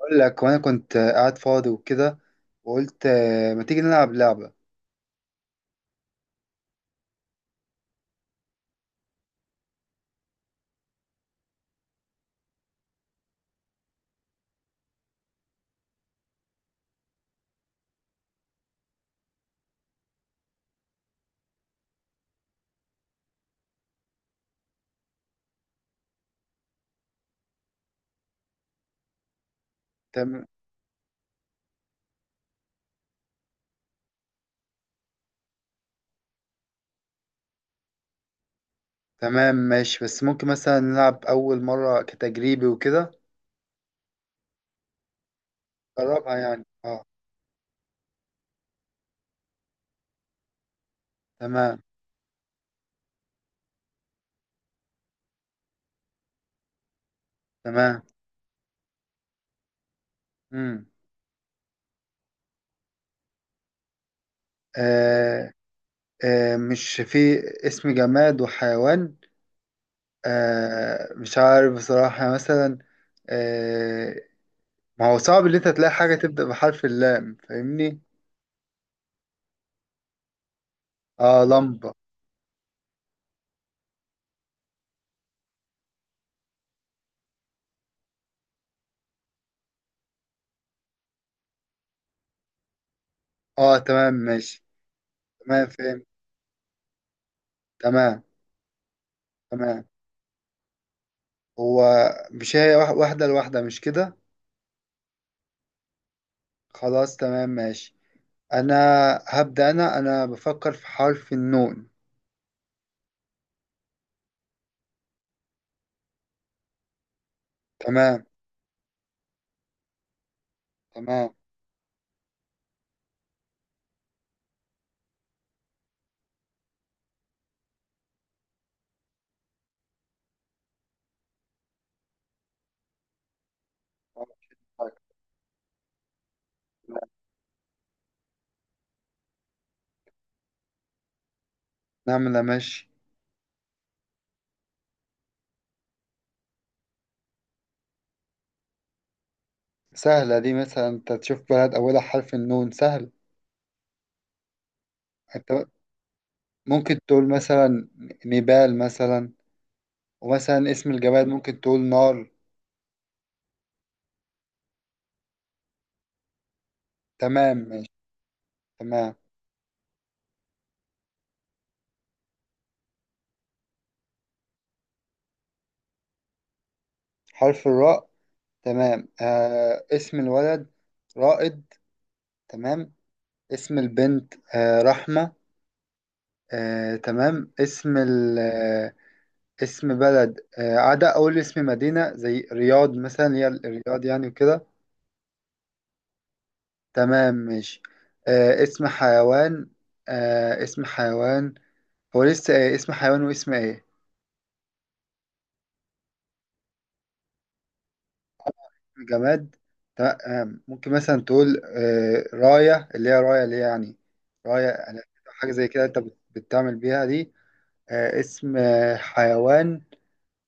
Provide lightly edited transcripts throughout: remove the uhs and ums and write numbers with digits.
اقول لك وانا كنت قاعد فاضي وكده. وقلت ما تيجي نلعب لعبة؟ تم... تمام ماشي. بس ممكن مثلا نلعب اول مرة كتجريبي وكده. جربها يعني اه. تمام تمام. امم آه. آه، مش في اسم جماد وحيوان. آه، مش عارف بصراحة مثلا. آه، ما هو صعب ان انت تلاقي حاجة تبدأ بحرف اللام، فاهمني؟ اه، لمبة. اه، تمام ماشي. تمام، فهمت. تمام تمام. هو مش هي، واحدة لواحدة، مش كده؟ خلاص تمام ماشي. أنا هبدأ. أنا بفكر في حرف النون. تمام تمام. نعم، لا، ماشي. سهلة دي، مثلا أنت تشوف بلد أولها حرف النون سهل. أنت ممكن تقول مثلا نيبال مثلا. ومثلا اسم الجبال ممكن تقول نار. تمام ماشي. تمام. حرف الراء. تمام. اسم الولد رائد. تمام. اسم البنت رحمة. تمام. اسم ال آه، اسم بلد. عدا أول اسم مدينة زي رياض مثلا، اللي هي الرياض يعني وكده. تمام ماشي. اسم حيوان. اسم حيوان. هو لسه، اسم حيوان واسم ايه؟ جماد. تمام. ممكن مثلا تقول راية، اللي هي راية اللي هي، يعني راية. يعني حاجة زي كده، انت بتعمل بيها دي. اسم حيوان.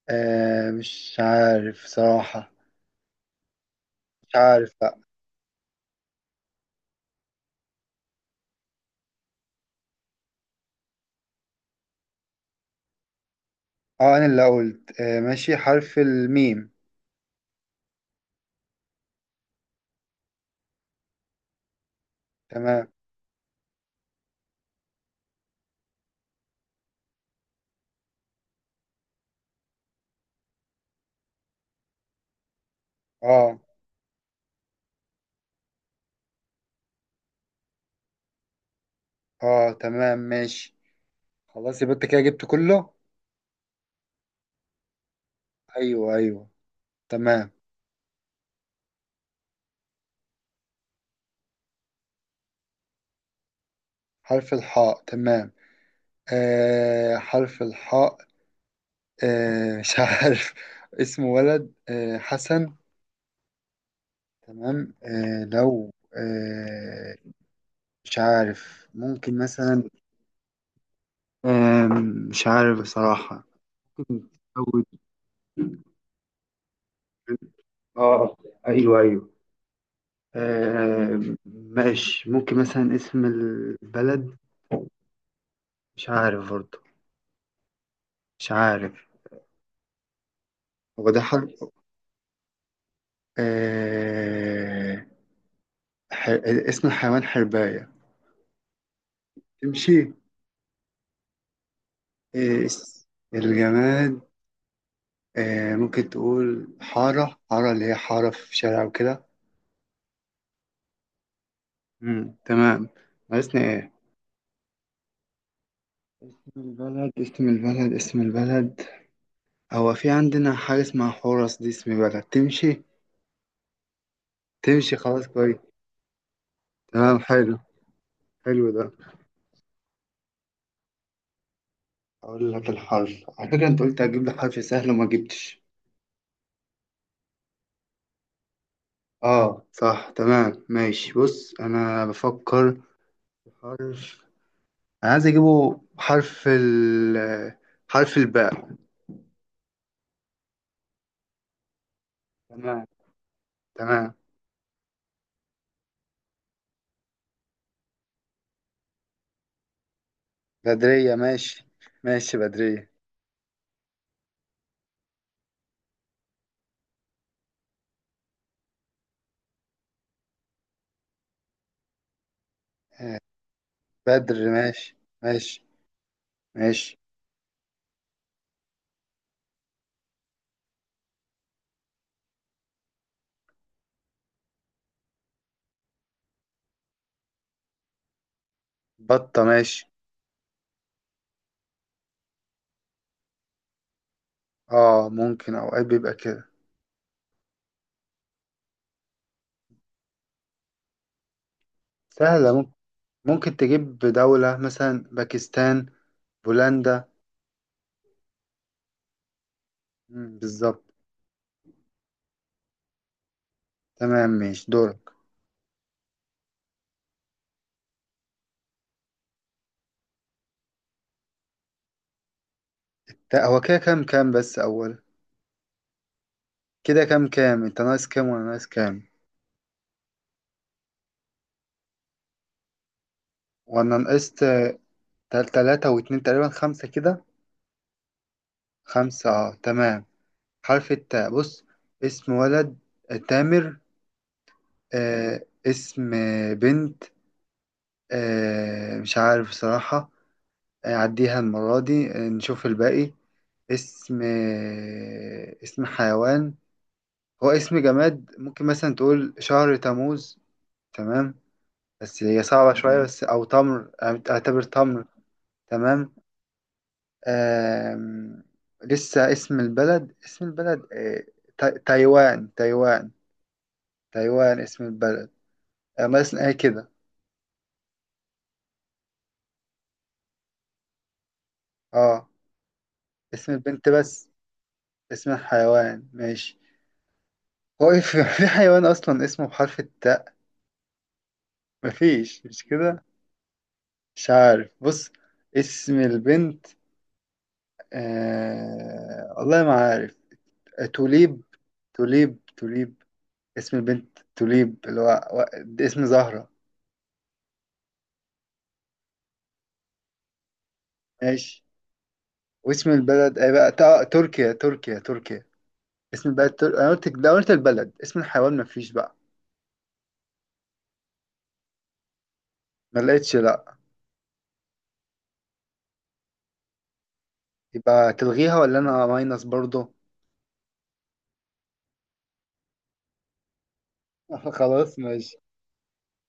مش عارف صراحة. مش عارف. اه، انا اللي قلت آه، ماشي، حرف الميم. تمام. اه اه، تمام ماشي. خلاص يبقى انت كده جبت كله. ايوه ايوه. تمام. حرف الحاء. تمام. حرف الحاء. مش عارف اسمه ولد، حسن. تمام. لو مش عارف، ممكن مثلا. آه. مش عارف بصراحة. ممكن تزود. اه، ايوه ايوه. آه ماشي، ممكن مثلا اسم البلد. مش عارف برضه. مش عارف. هو ده آه ح... اسم الحيوان حرباية. تمشي. آه اس- الجماد. ممكن تقول حارة حارة، اللي هي حارة في شارع وكده. مم، تمام. ناقصنا ايه؟ اسم البلد، اسم البلد، اسم البلد. هو في عندنا حاجة اسمها حورس، دي اسم بلد، تمشي. تمشي، خلاص كويس. تمام حلو. حلو ده. أقول لك الحرف، على فكرة أنت قلت هتجيب لي حرف سهل وما جبتش. آه صح، تمام ماشي. بص أنا بفكر في حرف. أنا عايز أجيبه حرف الباء. تمام. تمام، بدرية ماشي. ماشي بدرية. بدر ماشي. ماشي. ماشي بطة ماشي. ممكن أوقات بيبقى كده. سهلة، ممكن. ممكن تجيب دولة مثلا باكستان، بولندا. مم، بالظبط. تمام ماشي، دورك. هو كده كام كام، بس أول كده كام كام. أنت ناقص كام وأنا ناقص كام؟ وأنا نقصت تلاتة واتنين تقريبا، خمسة كده. خمسة، اه، تمام. حرف التاء. بص اسم ولد تامر. اسم بنت. مش عارف بصراحة. عديها المرة دي، نشوف الباقي. اسم حيوان. هو اسم جماد، ممكن مثلا تقول شهر تموز. تمام. بس هي صعبة شوية، بس أو تمر. أعتبر تمر. تمام. آم... لسه اسم البلد، اسم البلد، تايوان تايوان. تايوان اسم البلد. مثلا ايه كده. اه، اسم البنت بس. اسم الحيوان ماشي. هو إيه، في في حيوان أصلا اسمه بحرف التاء؟ مفيش، مش كده. مش عارف، بص اسم البنت. والله ما عارف. توليب. توليب توليب. اسم البنت توليب، اللي هو اسم زهرة. ماشي. واسم البلد اي، بقى تركيا تركيا تركيا. اسم البلد انا قلت ده، قلت البلد، اسم الحيوان مفيش بقى. ما لقيتش، لا. يبقى تلغيها، ولا انا ماينس برضه. خلاص ماشي.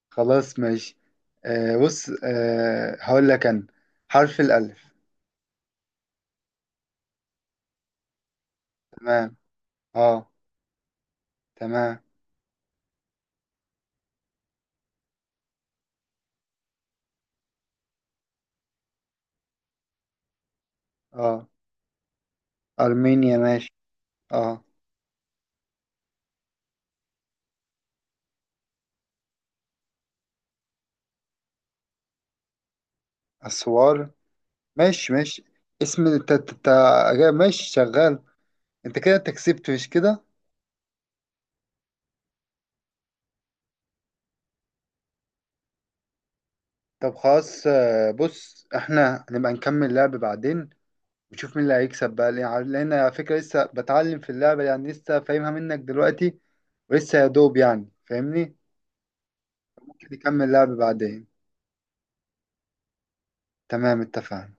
خلاص ماشي. بص، هقول لك انا حرف الالف. تمام. اه. تمام. اه. ارمينيا ماشي. اه، اسوار ماشي ماشي. اسم الت... الت- الت- ماشي شغال. انت كده انت كسبت، مش كده؟ طب خلاص، بص احنا هنبقى نكمل لعب بعدين. ونشوف مين اللي هيكسب بقى، لأن على فكرة لسه بتعلم في اللعبة يعني، لسه فاهمها منك دلوقتي. ولسه يا دوب يعني، فاهمني؟ ممكن نكمل لعب بعدين. تمام، اتفقنا.